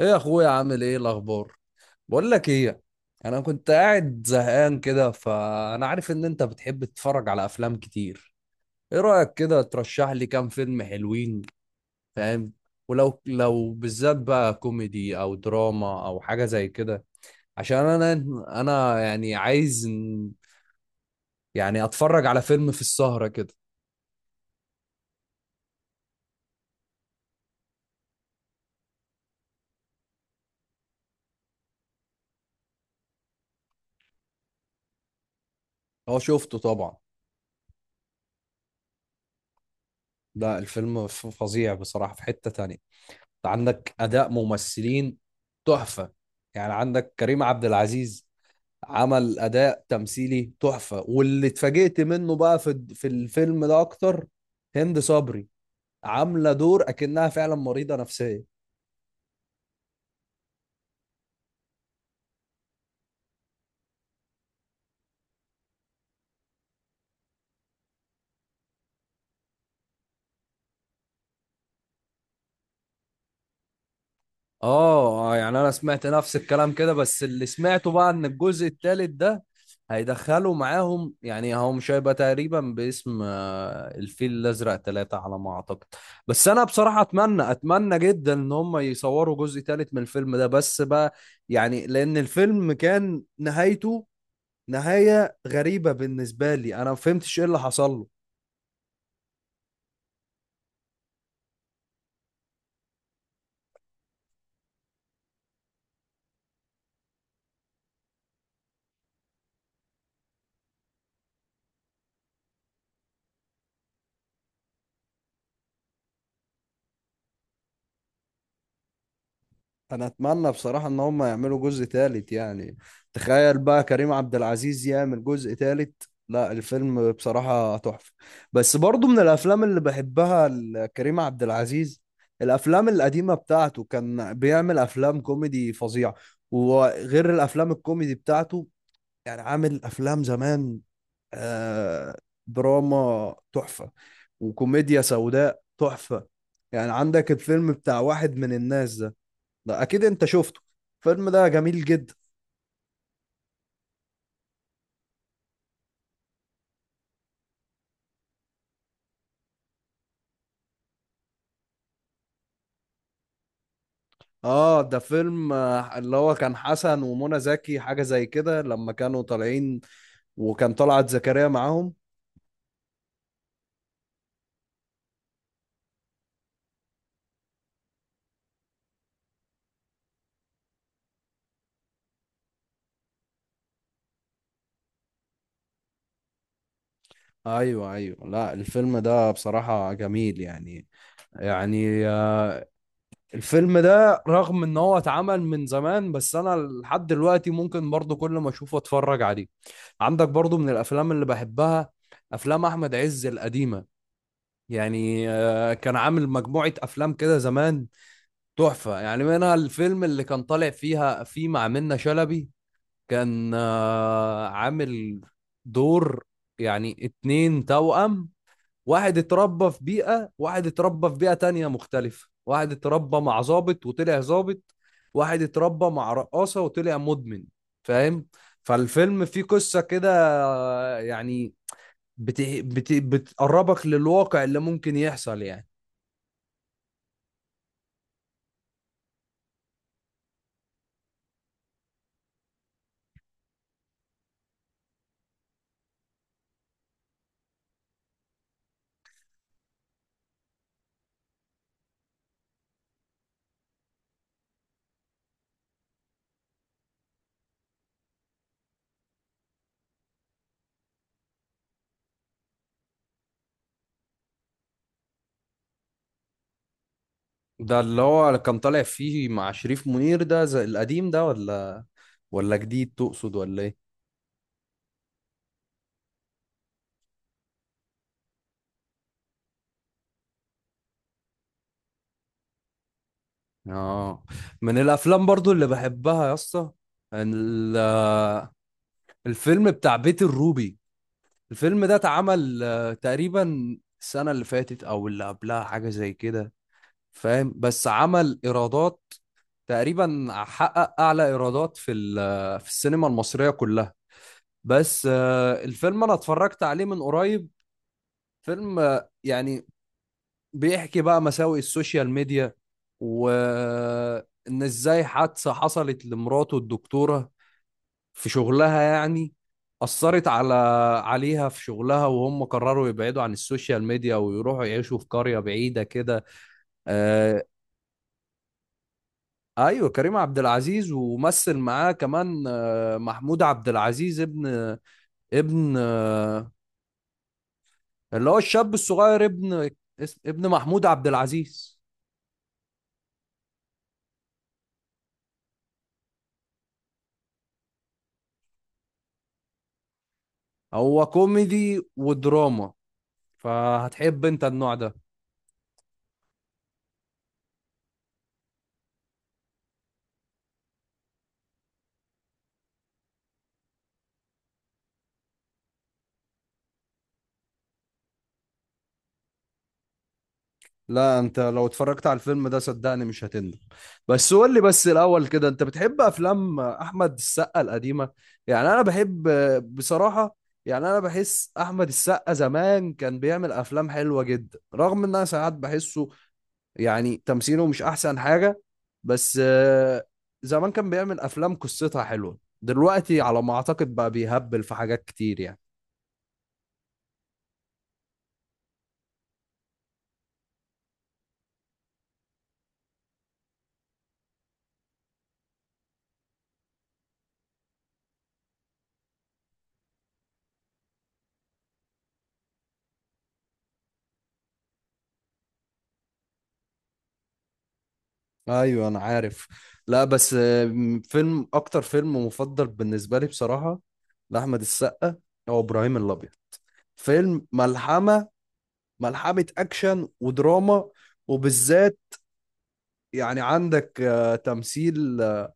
ايه، يا اخويا، عامل ايه؟ الاخبار؟ بقول لك ايه. انا كنت قاعد زهقان كده، فانا عارف ان انت بتحب تتفرج على افلام كتير. ايه رايك كده ترشح لي كام فيلم حلوين؟ فاهم؟ ولو بالذات بقى كوميدي او دراما او حاجه زي كده، عشان انا يعني عايز يعني اتفرج على فيلم في السهره كده. هو شفته طبعا. ده الفيلم فظيع بصراحه، في حته تانية عندك اداء ممثلين تحفه. يعني عندك كريم عبد العزيز عمل اداء تمثيلي تحفه، واللي اتفاجئت منه بقى في الفيلم ده اكتر، هند صبري عامله دور اكنها فعلا مريضه نفسيه. اه، يعني انا سمعت نفس الكلام كده، بس اللي سمعته بقى ان الجزء الثالث ده هيدخلوا معاهم، يعني هو مش هيبقى تقريبا باسم الفيل الازرق ثلاثة على ما اعتقد. بس انا بصراحة اتمنى اتمنى جدا ان هم يصوروا جزء ثالث من الفيلم ده، بس بقى يعني لان الفيلم كان نهايته نهاية غريبة بالنسبة لي، انا ما فهمتش ايه اللي حصل له. انا اتمنى بصراحة ان هم يعملوا جزء تالت، يعني تخيل بقى كريم عبد العزيز يعمل جزء تالت. لا، الفيلم بصراحة تحفة. بس برضو من الافلام اللي بحبها كريم عبد العزيز الافلام القديمة بتاعته، كان بيعمل افلام كوميدي فظيعة. وغير الافلام الكوميدي بتاعته، يعني عامل افلام زمان آه، دراما تحفة، وكوميديا سوداء تحفة. يعني عندك الفيلم بتاع واحد من الناس ده، ده اكيد انت شفته، الفيلم ده جميل جدا. اه، ده فيلم اللي هو كان حسن ومنى زكي حاجة زي كده لما كانوا طالعين، وكان طلعت زكريا معاهم. ايوه ايوه، لا الفيلم ده بصراحة جميل يعني، يعني الفيلم ده رغم ان هو اتعمل من زمان، بس انا لحد دلوقتي ممكن برضو كل ما اشوفه اتفرج عليه. عندك برضو من الافلام اللي بحبها افلام احمد عز القديمة، يعني كان عامل مجموعة افلام كده زمان تحفة، يعني منها الفيلم اللي كان طالع فيها فيه مع منة شلبي. كان عامل دور يعني اتنين توأم، واحد اتربى في بيئة، واحد اتربى في بيئة تانية مختلفة، واحد اتربى مع ضابط وطلع ضابط، واحد اتربى مع رقاصة وطلع مدمن. فاهم؟ فالفيلم فيه قصة كده يعني بتقربك للواقع اللي ممكن يحصل يعني. ده اللي هو كان طالع فيه مع شريف منير، ده زي القديم ده، ولا ولا جديد تقصد ولا ايه؟ اه، من الافلام برضو اللي بحبها يا اسطى، ال- الفيلم بتاع بيت الروبي. الفيلم ده اتعمل تقريبا السنة اللي فاتت او اللي قبلها حاجة زي كده، فاهم؟ بس عمل ايرادات، تقريبا حقق اعلى ايرادات في ال- آه، في السينما المصرية كلها. بس الفيلم انا اتفرجت عليه من قريب. فيلم يعني بيحكي بقى مساوئ السوشيال ميديا، وإن إزاي حادثة حصلت لمراته الدكتورة في شغلها، يعني أثرت عليها في شغلها، وهم قرروا يبعدوا عن السوشيال ميديا ويروحوا يعيشوا في قرية بعيدة كده. آه، أيوة، كريم عبد العزيز، ومثل معاه كمان آه محمود عبد العزيز، ابن ابن آه اللي هو الشاب الصغير، ابن ابن محمود عبد العزيز. هو كوميدي ودراما، فهتحب انت النوع ده. لا، انت لو اتفرجت على الفيلم ده صدقني مش هتندم. بس قول لي بس الاول كده، انت بتحب افلام احمد السقا القديمه؟ يعني انا بحب بصراحه، يعني انا بحس احمد السقا زمان كان بيعمل افلام حلوه جدا، رغم ان انا ساعات بحسه يعني تمثيله مش احسن حاجه. بس زمان كان بيعمل افلام قصتها حلوه، دلوقتي على ما اعتقد بقى بيهبل في حاجات كتير يعني. ايوه انا عارف. لا بس فيلم، اكتر فيلم مفضل بالنسبه لي بصراحه لاحمد السقا هو ابراهيم الابيض. فيلم ملحمه، ملحمه اكشن ودراما. وبالذات يعني عندك تمثيل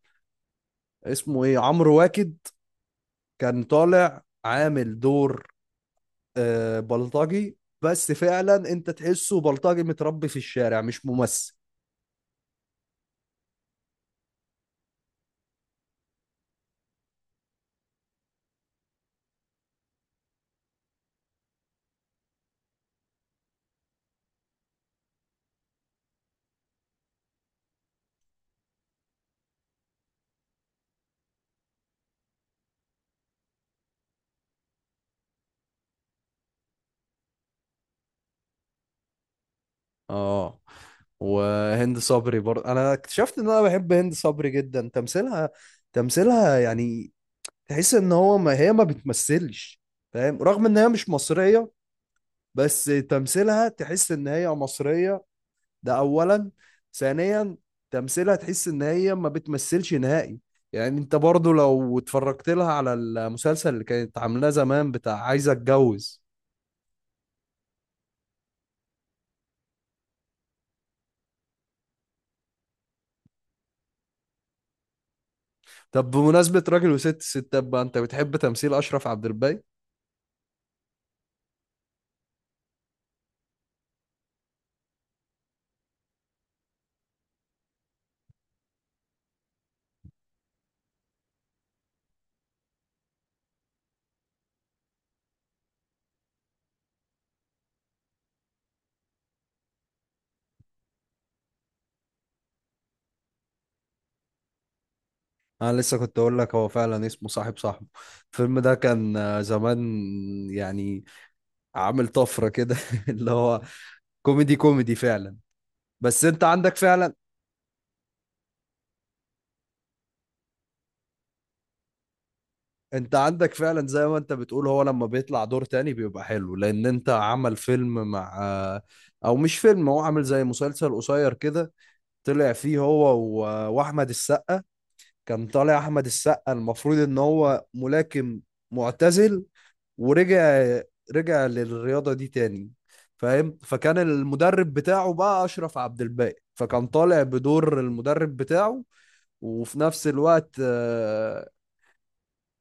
اسمه ايه، عمرو واكد، كان طالع عامل دور بلطجي، بس فعلا انت تحسه بلطجي متربي في الشارع مش ممثل. اه، وهند صبري برضه انا اكتشفت ان انا بحب هند صبري جدا تمثيلها. تمثيلها يعني تحس ان هو ما هي ما بتمثلش، فاهم؟ رغم ان هي مش مصرية، بس تمثيلها تحس ان هي مصرية. ده اولا. ثانيا، تمثيلها تحس ان هي ما بتمثلش نهائي. يعني انت برضه لو اتفرجت لها على المسلسل اللي كانت عاملاه زمان بتاع عايزة اتجوز. طب بمناسبة راجل وست ستات بقى، انت بتحب تمثيل اشرف عبد الباقي؟ انا لسه كنت اقول لك هو فعلا اسمه صاحب صاحبه. الفيلم ده كان زمان يعني عامل طفرة كده اللي هو كوميدي كوميدي فعلا. بس انت عندك فعلا انت عندك فعلا زي ما انت بتقول، هو لما بيطلع دور تاني بيبقى حلو، لان انت عمل فيلم مع او مش فيلم، هو عامل زي مسلسل قصير كده طلع فيه هو واحمد السقا. كان طالع احمد السقا المفروض ان هو ملاكم معتزل، ورجع للرياضة دي تاني. فاهم؟ فكان المدرب بتاعه بقى أشرف عبد الباقي، فكان طالع بدور المدرب بتاعه، وفي نفس الوقت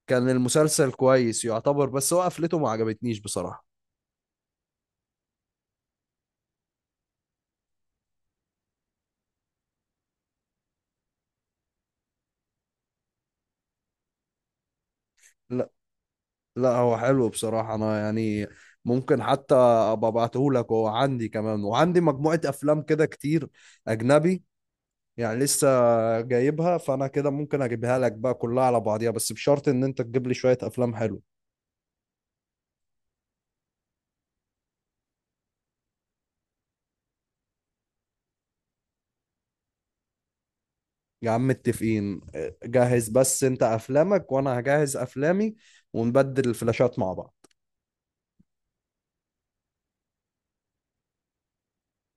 كان المسلسل كويس يعتبر، بس هو قفلته ما عجبتنيش بصراحة. لا لا، هو حلو بصراحة، أنا يعني ممكن حتى أبقى أبعته لك، هو عندي، كمان وعندي مجموعة أفلام كده كتير أجنبي، يعني لسه جايبها، فأنا كده ممكن أجيبها لك بقى كلها على بعضيها، بس بشرط إن أنت تجيب لي شوية أفلام حلوة. يا عم متفقين، جهز بس انت افلامك وانا هجهز افلامي، ونبدل الفلاشات مع بعض.